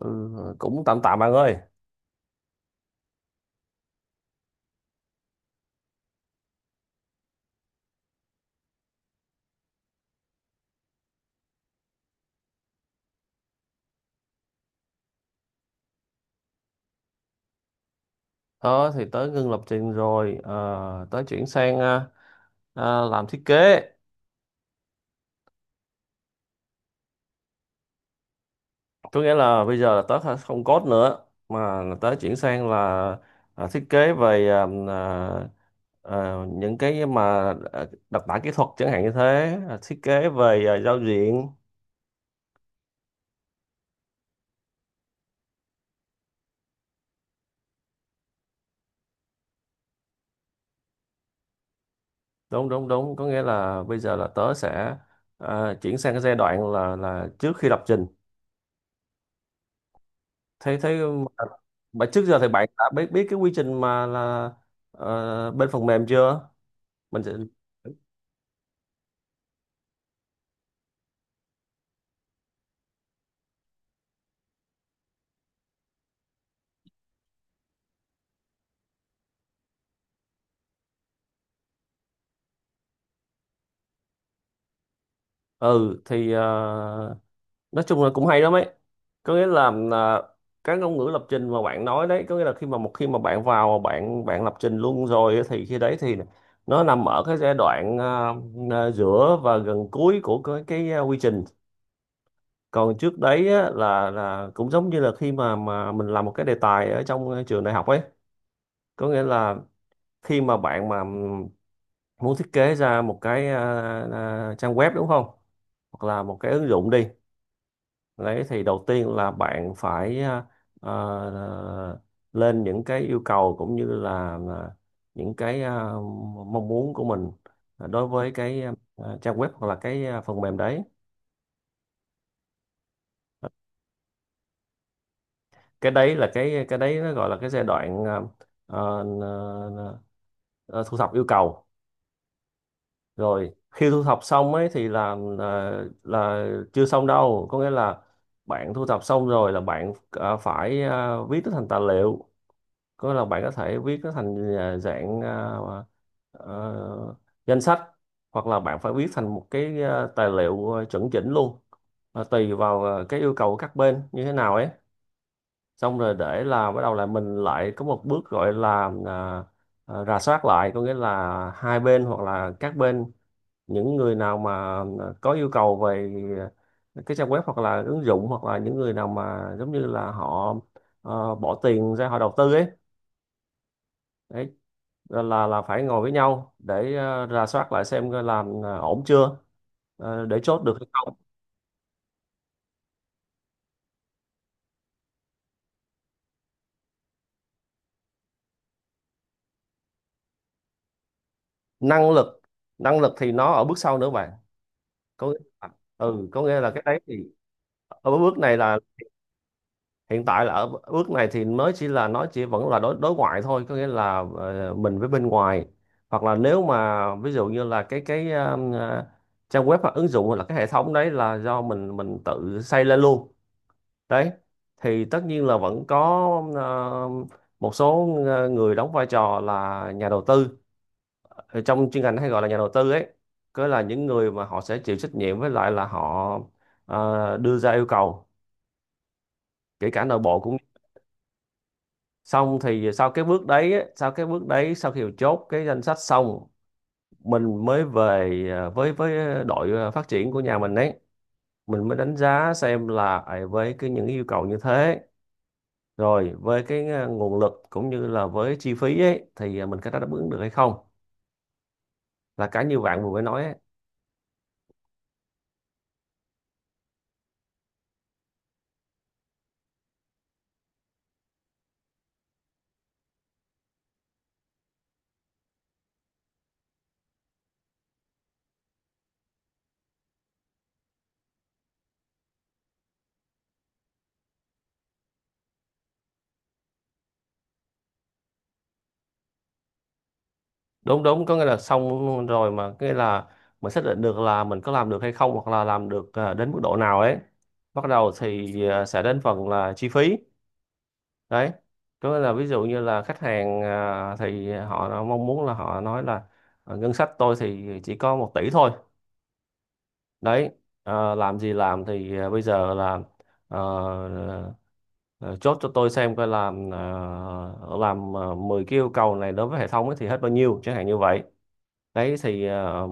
Ừ, cũng tạm tạm bạn ơi. Đó thì tới ngưng lập trình rồi, tới chuyển sang làm thiết kế. Có nghĩa là bây giờ là tới không code nữa mà là tới chuyển sang là thiết kế về những cái mà đặc tả kỹ thuật chẳng hạn như thế, thiết kế về giao diện. Đúng đúng đúng, có nghĩa là bây giờ là tớ sẽ chuyển sang cái giai đoạn là trước khi lập trình, thế thế mà, mà trước giờ thì bạn đã biết biết cái quy trình mà là bên phần mềm chưa. Mình sẽ ừ thì nói chung là cũng hay lắm ấy. Có nghĩa là cái ngôn ngữ lập trình mà bạn nói đấy có nghĩa là khi mà một khi mà bạn vào bạn bạn lập trình luôn rồi ấy, thì khi đấy thì nó nằm ở cái giai đoạn giữa và gần cuối của quy trình. Còn trước đấy á, là cũng giống như là khi mà mình làm một cái đề tài ở trong trường đại học ấy. Có nghĩa là khi mà bạn mà muốn thiết kế ra một cái trang web đúng không, hoặc là một cái ứng dụng đi, đấy thì đầu tiên là bạn phải à, lên những cái yêu cầu cũng như là những cái mong muốn của mình đối với cái trang web hoặc là cái phần mềm đấy. Cái đấy là cái đấy, nó gọi là cái giai đoạn à, thu thập yêu cầu. Rồi khi thu thập xong ấy thì là chưa xong đâu, có nghĩa là bạn thu thập xong rồi là bạn phải viết nó thành tài liệu. Có nghĩa là bạn có thể viết nó thành dạng ờ, danh sách, hoặc là bạn phải viết thành một cái tài liệu chuẩn chỉnh luôn. Và tùy vào cái yêu cầu của các bên như thế nào ấy. Xong rồi để là bắt đầu là mình lại có một bước gọi là rà soát lại. Có nghĩa là hai bên hoặc là các bên, những người nào mà có yêu cầu về cái trang web hoặc là ứng dụng, hoặc là những người nào mà giống như là họ bỏ tiền ra họ đầu tư ấy, đấy, là phải ngồi với nhau để rà soát lại xem coi làm ổn chưa, để chốt được hay không. Năng lực năng lực thì nó ở bước sau nữa bạn. Có nghĩa là, ừ, có nghĩa là cái đấy thì ở bước này là, hiện tại là ở bước này thì mới chỉ là, nó chỉ vẫn là đối đối ngoại thôi. Có nghĩa là mình với bên ngoài, hoặc là nếu mà ví dụ như là trang web hoặc ứng dụng hoặc là cái hệ thống đấy là do mình tự xây lên luôn đấy, thì tất nhiên là vẫn có ờ, một số người đóng vai trò là nhà đầu tư. Ở trong chuyên ngành hay gọi là nhà đầu tư ấy, cứ là những người mà họ sẽ chịu trách nhiệm với lại là họ đưa ra yêu cầu, kể cả nội bộ cũng. Xong thì sau cái bước đấy á, sau cái bước đấy, sau khi chốt cái danh sách xong, mình mới về với đội phát triển của nhà mình ấy. Mình mới đánh giá xem là với cái những yêu cầu như thế, rồi với cái nguồn lực cũng như là với chi phí ấy, thì mình có đáp ứng được hay không, là cái như bạn vừa mới nói ấy. Đúng đúng, có nghĩa là xong rồi mà cái là mình xác định được là mình có làm được hay không, hoặc là làm được đến mức độ nào ấy, bắt đầu thì sẽ đến phần là chi phí, đấy. Có nghĩa là ví dụ như là khách hàng thì họ mong muốn, là họ nói là: Ngân sách tôi thì chỉ có 1 tỷ thôi, đấy, làm gì làm thì bây giờ là ờ, ờ, chốt cho tôi xem coi làm 10 cái yêu cầu này đối với hệ thống ấy thì hết bao nhiêu, chẳng hạn như vậy, đấy thì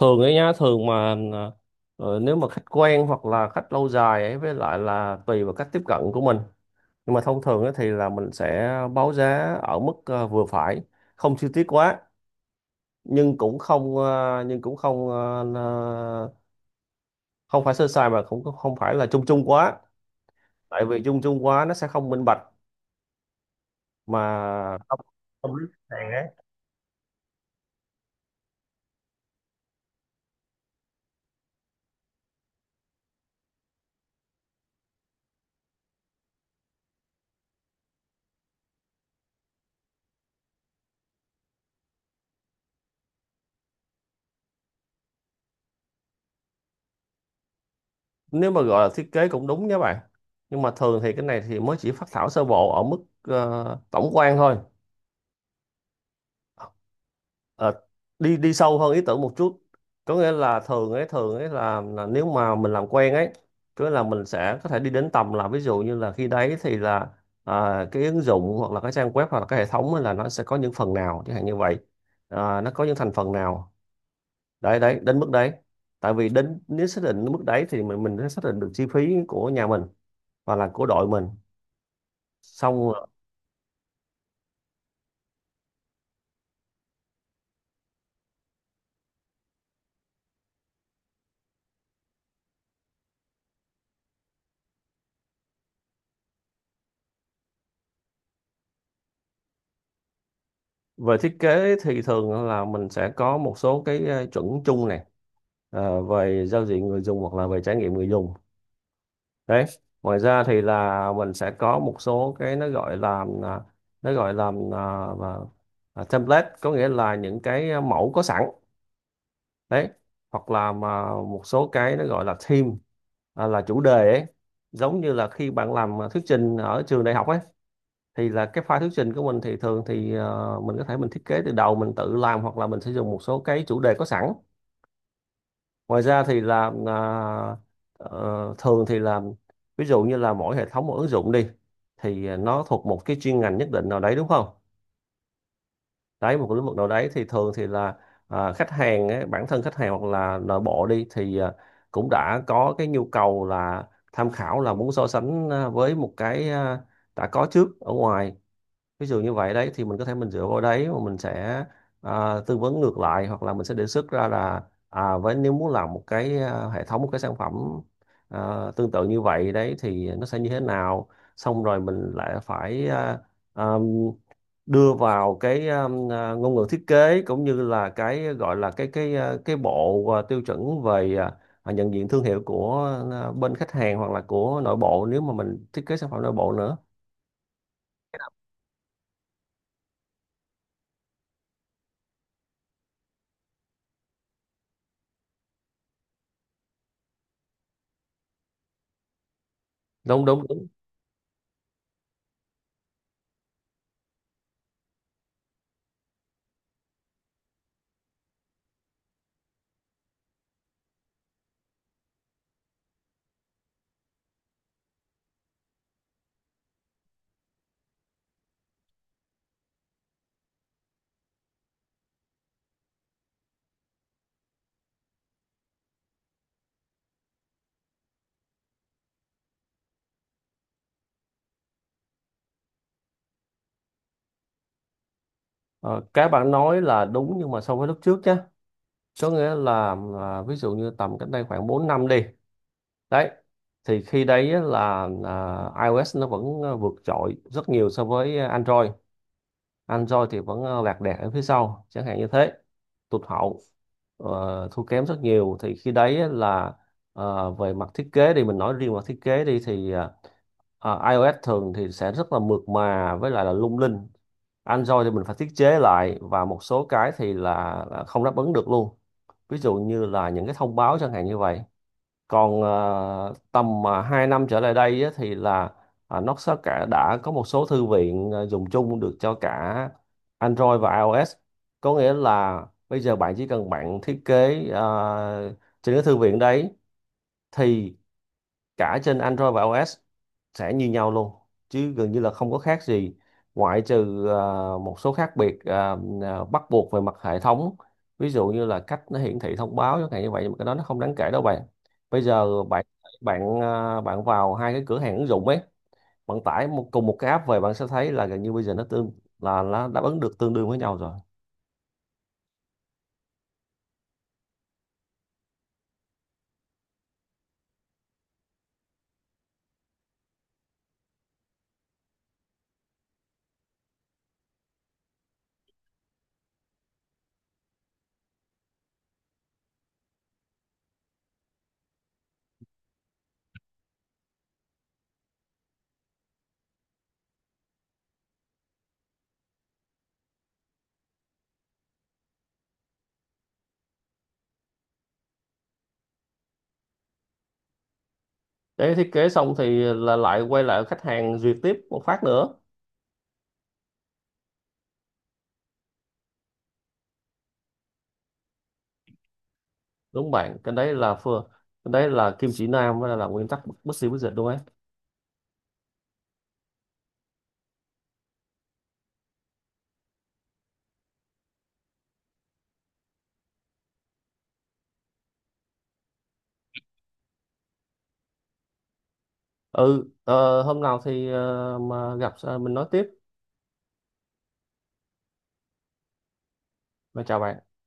thường ấy nhá, thường mà nếu mà khách quen hoặc là khách lâu dài ấy, với lại là tùy vào cách tiếp cận của mình. Nhưng mà thông thường á thì là mình sẽ báo giá ở mức vừa phải, không chi tiết quá, nhưng cũng không ờ, ờ, không phải sơ sài, mà cũng không không phải là chung chung quá. Tại vì chung chung quá nó sẽ không minh bạch mà không không biết khách hàng ấy. Nếu mà gọi là thiết kế cũng đúng nha bạn, nhưng mà thường thì cái này thì mới chỉ phác thảo sơ bộ ở mức tổng quan thôi. Ờ, đi đi sâu hơn ý tưởng một chút, có nghĩa là thường ấy là nếu mà mình làm quen ấy. Có nghĩa là mình sẽ có thể đi đến tầm là ví dụ như là khi đấy thì là cái ứng dụng hoặc là cái trang web hoặc là cái hệ thống ấy, là nó sẽ có những phần nào chẳng hạn như vậy, nó có những thành phần nào, đấy, đến mức đấy. Tại vì đến nếu xác định mức đấy thì mình sẽ xác định được chi phí của nhà mình và là của đội mình, xong rồi. Về thiết kế thì thường là mình sẽ có một số cái chuẩn chung nè, về giao diện người dùng hoặc là về trải nghiệm người dùng, đấy. Ngoài ra thì là mình sẽ có một số cái nó gọi là nó gọi là à, và- template, có nghĩa là những cái mẫu có sẵn, đấy, hoặc là mà một số cái nó gọi là theme, là chủ đề ấy. Giống như là khi bạn làm thuyết trình ở trường đại học ấy, thì là cái file thuyết trình của mình thì thường thì mình có thể mình thiết kế từ đầu mình tự làm, hoặc là mình sẽ dùng một số cái chủ đề có sẵn. Ngoài ra thì là thường thì là ví dụ như là mỗi hệ thống một ứng dụng đi, thì nó thuộc một cái chuyên ngành nhất định nào đấy đúng không, đấy, một cái lĩnh vực nào đấy, thì thường thì là khách hàng ấy, bản thân khách hàng hoặc là nội bộ đi thì cũng đã có cái nhu cầu là tham khảo, là muốn so sánh với một cái đã có trước ở ngoài, ví dụ như vậy. Đấy thì mình có thể mình dựa vào đấy mà mình sẽ tư vấn ngược lại, hoặc là mình sẽ đề xuất ra là với, nếu muốn làm một cái hệ thống, một cái sản phẩm à, tương tự như vậy đấy thì nó sẽ như thế nào. Xong rồi mình lại phải à, đưa vào cái ngôn ngữ thiết kế, cũng như là cái gọi là cái bộ tiêu chuẩn về nhận diện thương hiệu của bên khách hàng, hoặc là của nội bộ nếu mà mình thiết kế sản phẩm nội bộ nữa. Đúng đúng đúng. Ờ, Cái bạn nói là đúng, nhưng mà so với lúc trước nhé, có nghĩa là ví dụ như tầm cách đây khoảng 4 năm đi, đấy thì khi đấy á là iOS nó vẫn vượt trội rất nhiều so với Android. Android thì vẫn lạc đẻ ở phía sau chẳng hạn như thế, tụt hậu, thua kém rất nhiều, thì khi đấy là về mặt thiết kế, thì mình nói riêng mặt thiết kế đi, thì iOS thường thì sẽ rất là mượt mà với lại là lung linh. Android thì mình phải thiết chế lại, và một số cái thì là không đáp ứng được luôn, ví dụ như là những cái thông báo chẳng hạn như vậy. Còn tầm 2 năm trở lại đây á, thì là nó sẽ, cả đã có một số thư viện dùng chung được cho cả Android và iOS. Có nghĩa là bây giờ bạn chỉ cần bạn thiết kế trên cái thư viện đấy, thì cả trên Android và iOS sẽ như nhau luôn, chứ gần như là không có khác gì, ngoại trừ một số khác biệt bắt buộc về mặt hệ thống, ví dụ như là cách nó hiển thị thông báo chẳng hạn như vậy, nhưng mà cái đó nó không đáng kể đâu bạn. Bây giờ bạn bạn ờ, bạn vào hai cái cửa hàng ứng dụng ấy, bạn tải một, cùng một cái app về, bạn sẽ thấy là gần như bây giờ nó tương, là nó đáp ứng được tương đương với nhau rồi. Để thiết kế xong thì là lại quay lại khách hàng duyệt tiếp một phát nữa. Đúng bạn, cái đấy là kim chỉ nam, với là nguyên tắc bất bất xì bất dịch luôn ấy. Ừ, hôm nào thì mà gặp mình nói tiếp mà, chào bạn.